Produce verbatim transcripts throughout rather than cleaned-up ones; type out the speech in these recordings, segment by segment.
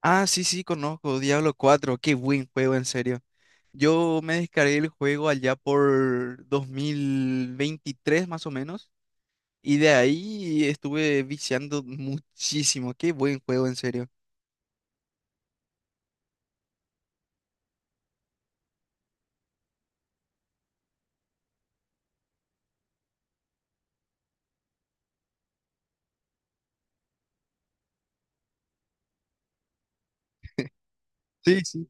Ah, sí, sí, conozco Diablo cuatro, qué buen juego, en serio. Yo me descargué el juego allá por dos mil veintitrés más o menos, y de ahí estuve viciando muchísimo, qué buen juego, en serio. Sí, sí.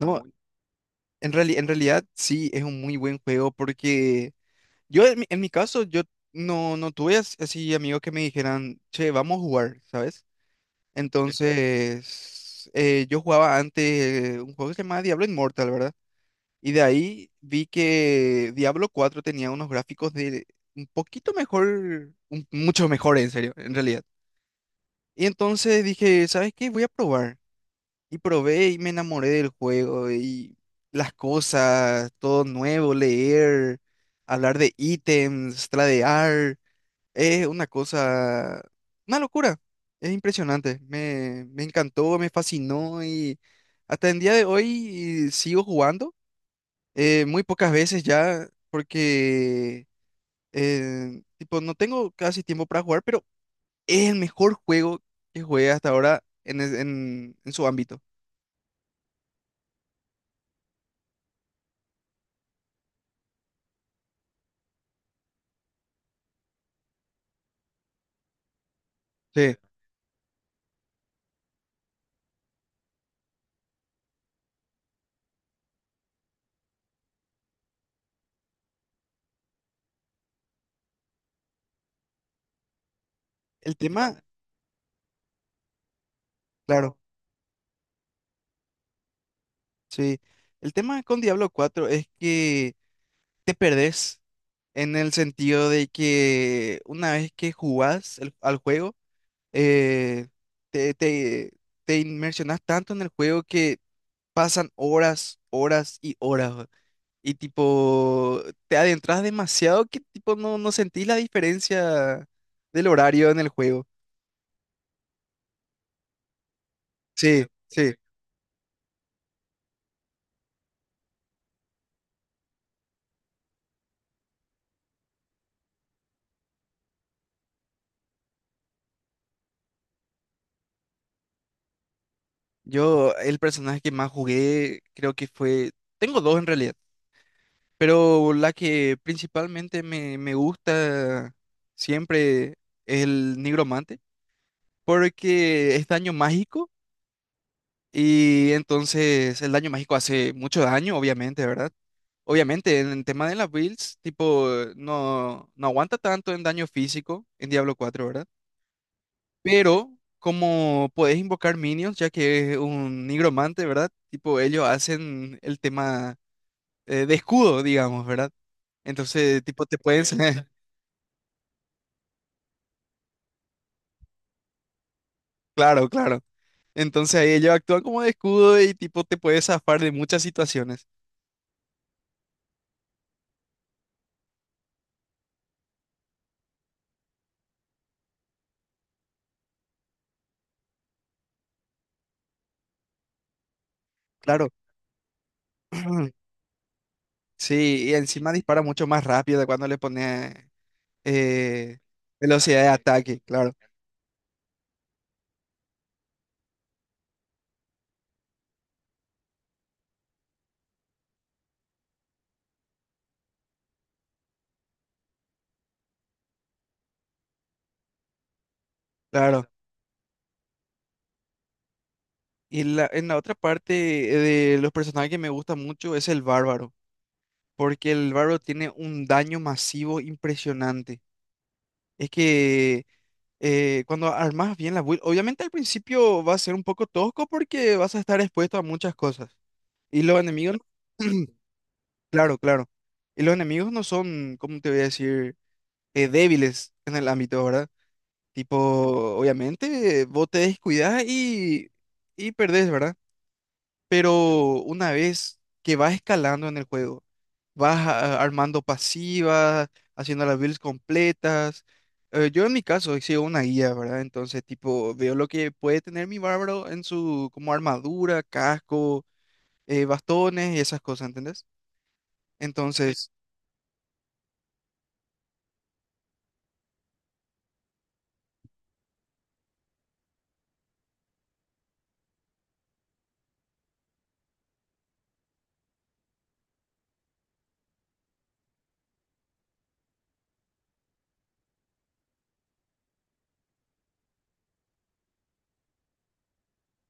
No, Muy- en reali- en realidad sí, es un muy buen juego porque yo en mi, en mi caso, yo no, no tuve as- así amigos que me dijeran, che, vamos a jugar, ¿sabes? Entonces, eh, yo jugaba antes eh, un juego que se llamaba Diablo Immortal, ¿verdad? Y de ahí vi que Diablo cuatro tenía unos gráficos de un poquito mejor, un- mucho mejor en serio, en realidad. Y entonces dije, ¿sabes qué? Voy a probar. Y probé y me enamoré del juego y las cosas, todo nuevo, leer, hablar de ítems, tradear. Es una cosa, una locura. Es impresionante. Me, me encantó, me fascinó y hasta el día de hoy sigo jugando. Eh, muy pocas veces ya, porque eh, tipo, no tengo casi tiempo para jugar, pero es el mejor juego que jugué hasta ahora en, es- en, en su ámbito. Sí. El tema, claro, sí. El tema con Diablo cuatro es que te perdés en el sentido de que una vez que jugás el- al juego, eh, te, te, te inmersionás tanto en el juego que pasan horas, horas y horas. Y tipo, te adentras demasiado que tipo no, no sentís la diferencia del horario en el juego. Sí, sí. Yo, el personaje que más jugué, creo que fue. Tengo dos en realidad, pero la que principalmente me, me gusta siempre es el nigromante, porque es daño mágico. Y entonces el daño mágico hace mucho daño, obviamente, ¿verdad? Obviamente, en el tema de las builds, tipo, no, no aguanta tanto en daño físico en Diablo cuatro, ¿verdad? Pero como podés invocar minions, ya que es un nigromante, ¿verdad? Tipo, ellos hacen el tema eh, de escudo, digamos, ¿verdad? Entonces, tipo, te pueden. Claro, claro. Entonces ahí ellos actúan como de escudo y tipo, te puedes zafar de muchas situaciones. Claro. Sí, y encima dispara mucho más rápido de cuando le pone eh, velocidad de ataque, claro, claro. Y la, en la otra parte eh, de los personajes que me gusta mucho es el bárbaro, porque el bárbaro tiene un daño masivo impresionante. Es que eh, cuando armas bien la build, obviamente al principio va a ser un poco tosco porque vas a estar expuesto a muchas cosas. Y los enemigos, claro, claro. Y los enemigos no son, ¿cómo te voy a decir? eh, débiles en el ámbito, ¿verdad? Tipo, obviamente, vos te descuidás y, y perdés, ¿verdad? Pero una vez que vas escalando en el juego, vas a- armando pasivas, haciendo las builds completas. Eh, yo en mi caso sigo una guía, ¿verdad? Entonces, tipo, veo lo que puede tener mi bárbaro en su, como armadura, casco, eh, bastones y esas cosas, ¿entendés? Entonces,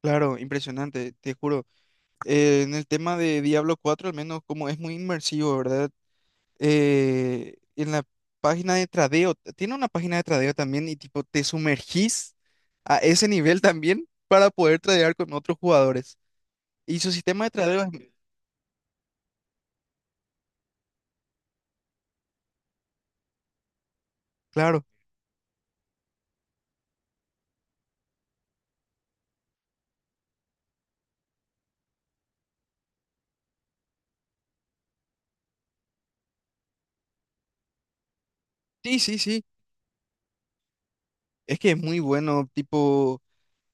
claro, impresionante, te juro. Eh, en el tema de Diablo cuatro al menos como es muy inmersivo, ¿verdad? Eh, en la página de tradeo, tiene una página de tradeo también y tipo te sumergís a ese nivel también para poder tradear con otros jugadores. Y su sistema de tradeo es, claro, sí, sí, sí, es que es muy bueno, tipo,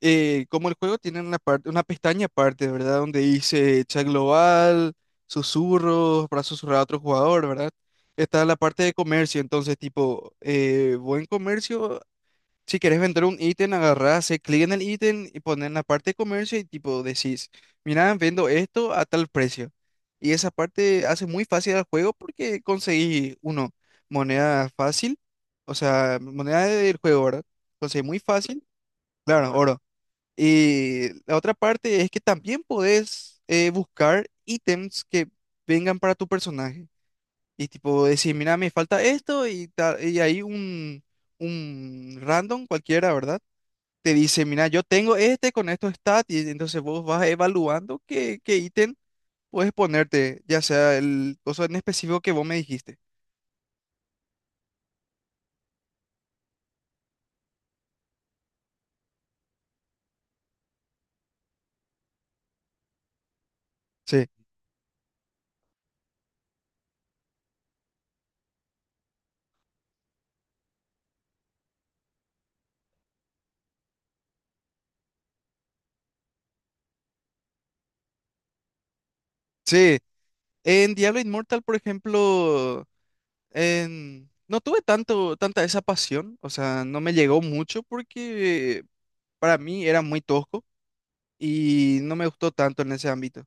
eh, como el juego tiene una parte, una pestaña aparte, ¿verdad? Donde dice chat global, susurros, para susurrar a otro jugador, ¿verdad? Está la parte de comercio, entonces tipo, eh, buen comercio. Si quieres vender un ítem, agarrás, haces clic en el ítem y pones en la parte de comercio y tipo decís, mira, vendo esto a tal precio. Y esa parte hace muy fácil al juego porque conseguí, uno, moneda fácil, o sea, moneda del juego, ¿verdad? Conseguí muy fácil, claro, oro. Y la otra parte es que también podés eh, buscar ítems que vengan para tu personaje. Y tipo decir, mira, me falta esto y, ta- y ahí un, un random cualquiera, ¿verdad? Te dice, mira, yo tengo este con estos stats, y entonces vos vas evaluando qué, qué ítem puedes ponerte, ya sea el coso en específico que vos me dijiste. Sí. Sí. En Diablo Immortal, por ejemplo, en- no tuve tanto, tanta esa pasión, o sea, no me llegó mucho porque para mí era muy tosco y no me gustó tanto en ese ámbito.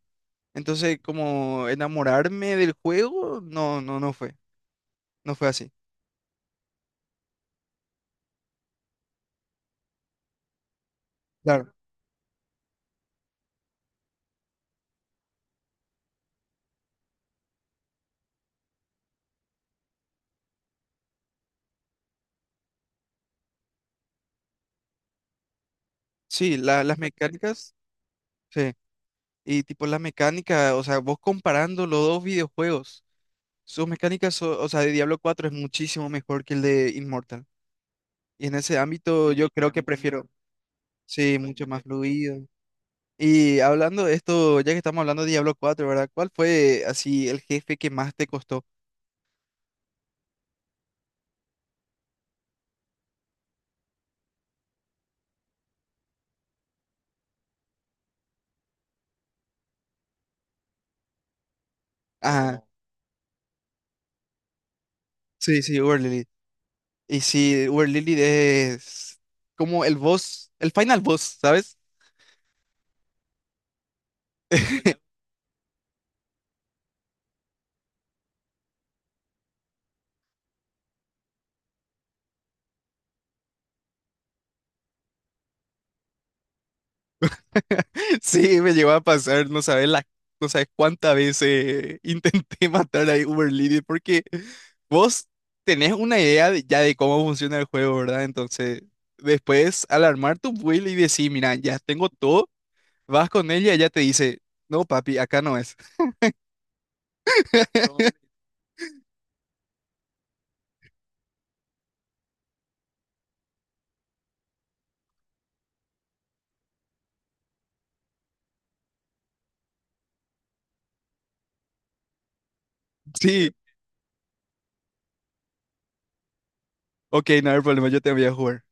Entonces, como enamorarme del juego, no, no, no fue, no fue así. Claro. Sí, la- las mecánicas, sí. Y tipo la mecánica, o sea, vos comparando los dos videojuegos, sus mecánicas, so- o sea, de Diablo cuatro es muchísimo mejor que el de Immortal. Y en ese ámbito yo sí, creo que prefiero, sí, mucho más fluido. Y hablando de esto, ya que estamos hablando de Diablo cuatro, ¿verdad? ¿Cuál fue así el jefe que más te costó? Ah, wow. Sí, sí, Uber Lilith. Y sí, Uber Lilith es como el boss, el final boss, ¿sabes? Sí, me llegó a pasar, no sabes la, no sabes cuántas veces intenté matar a Uber Lily porque vos tenés una idea de- ya de cómo funciona el juego, ¿verdad? Entonces, después al armar tu build y decir, mira, ya tengo todo, vas con ella y ella te dice, no, papi, acá no es. Sí, ok, no hay problema, yo te voy a jugar.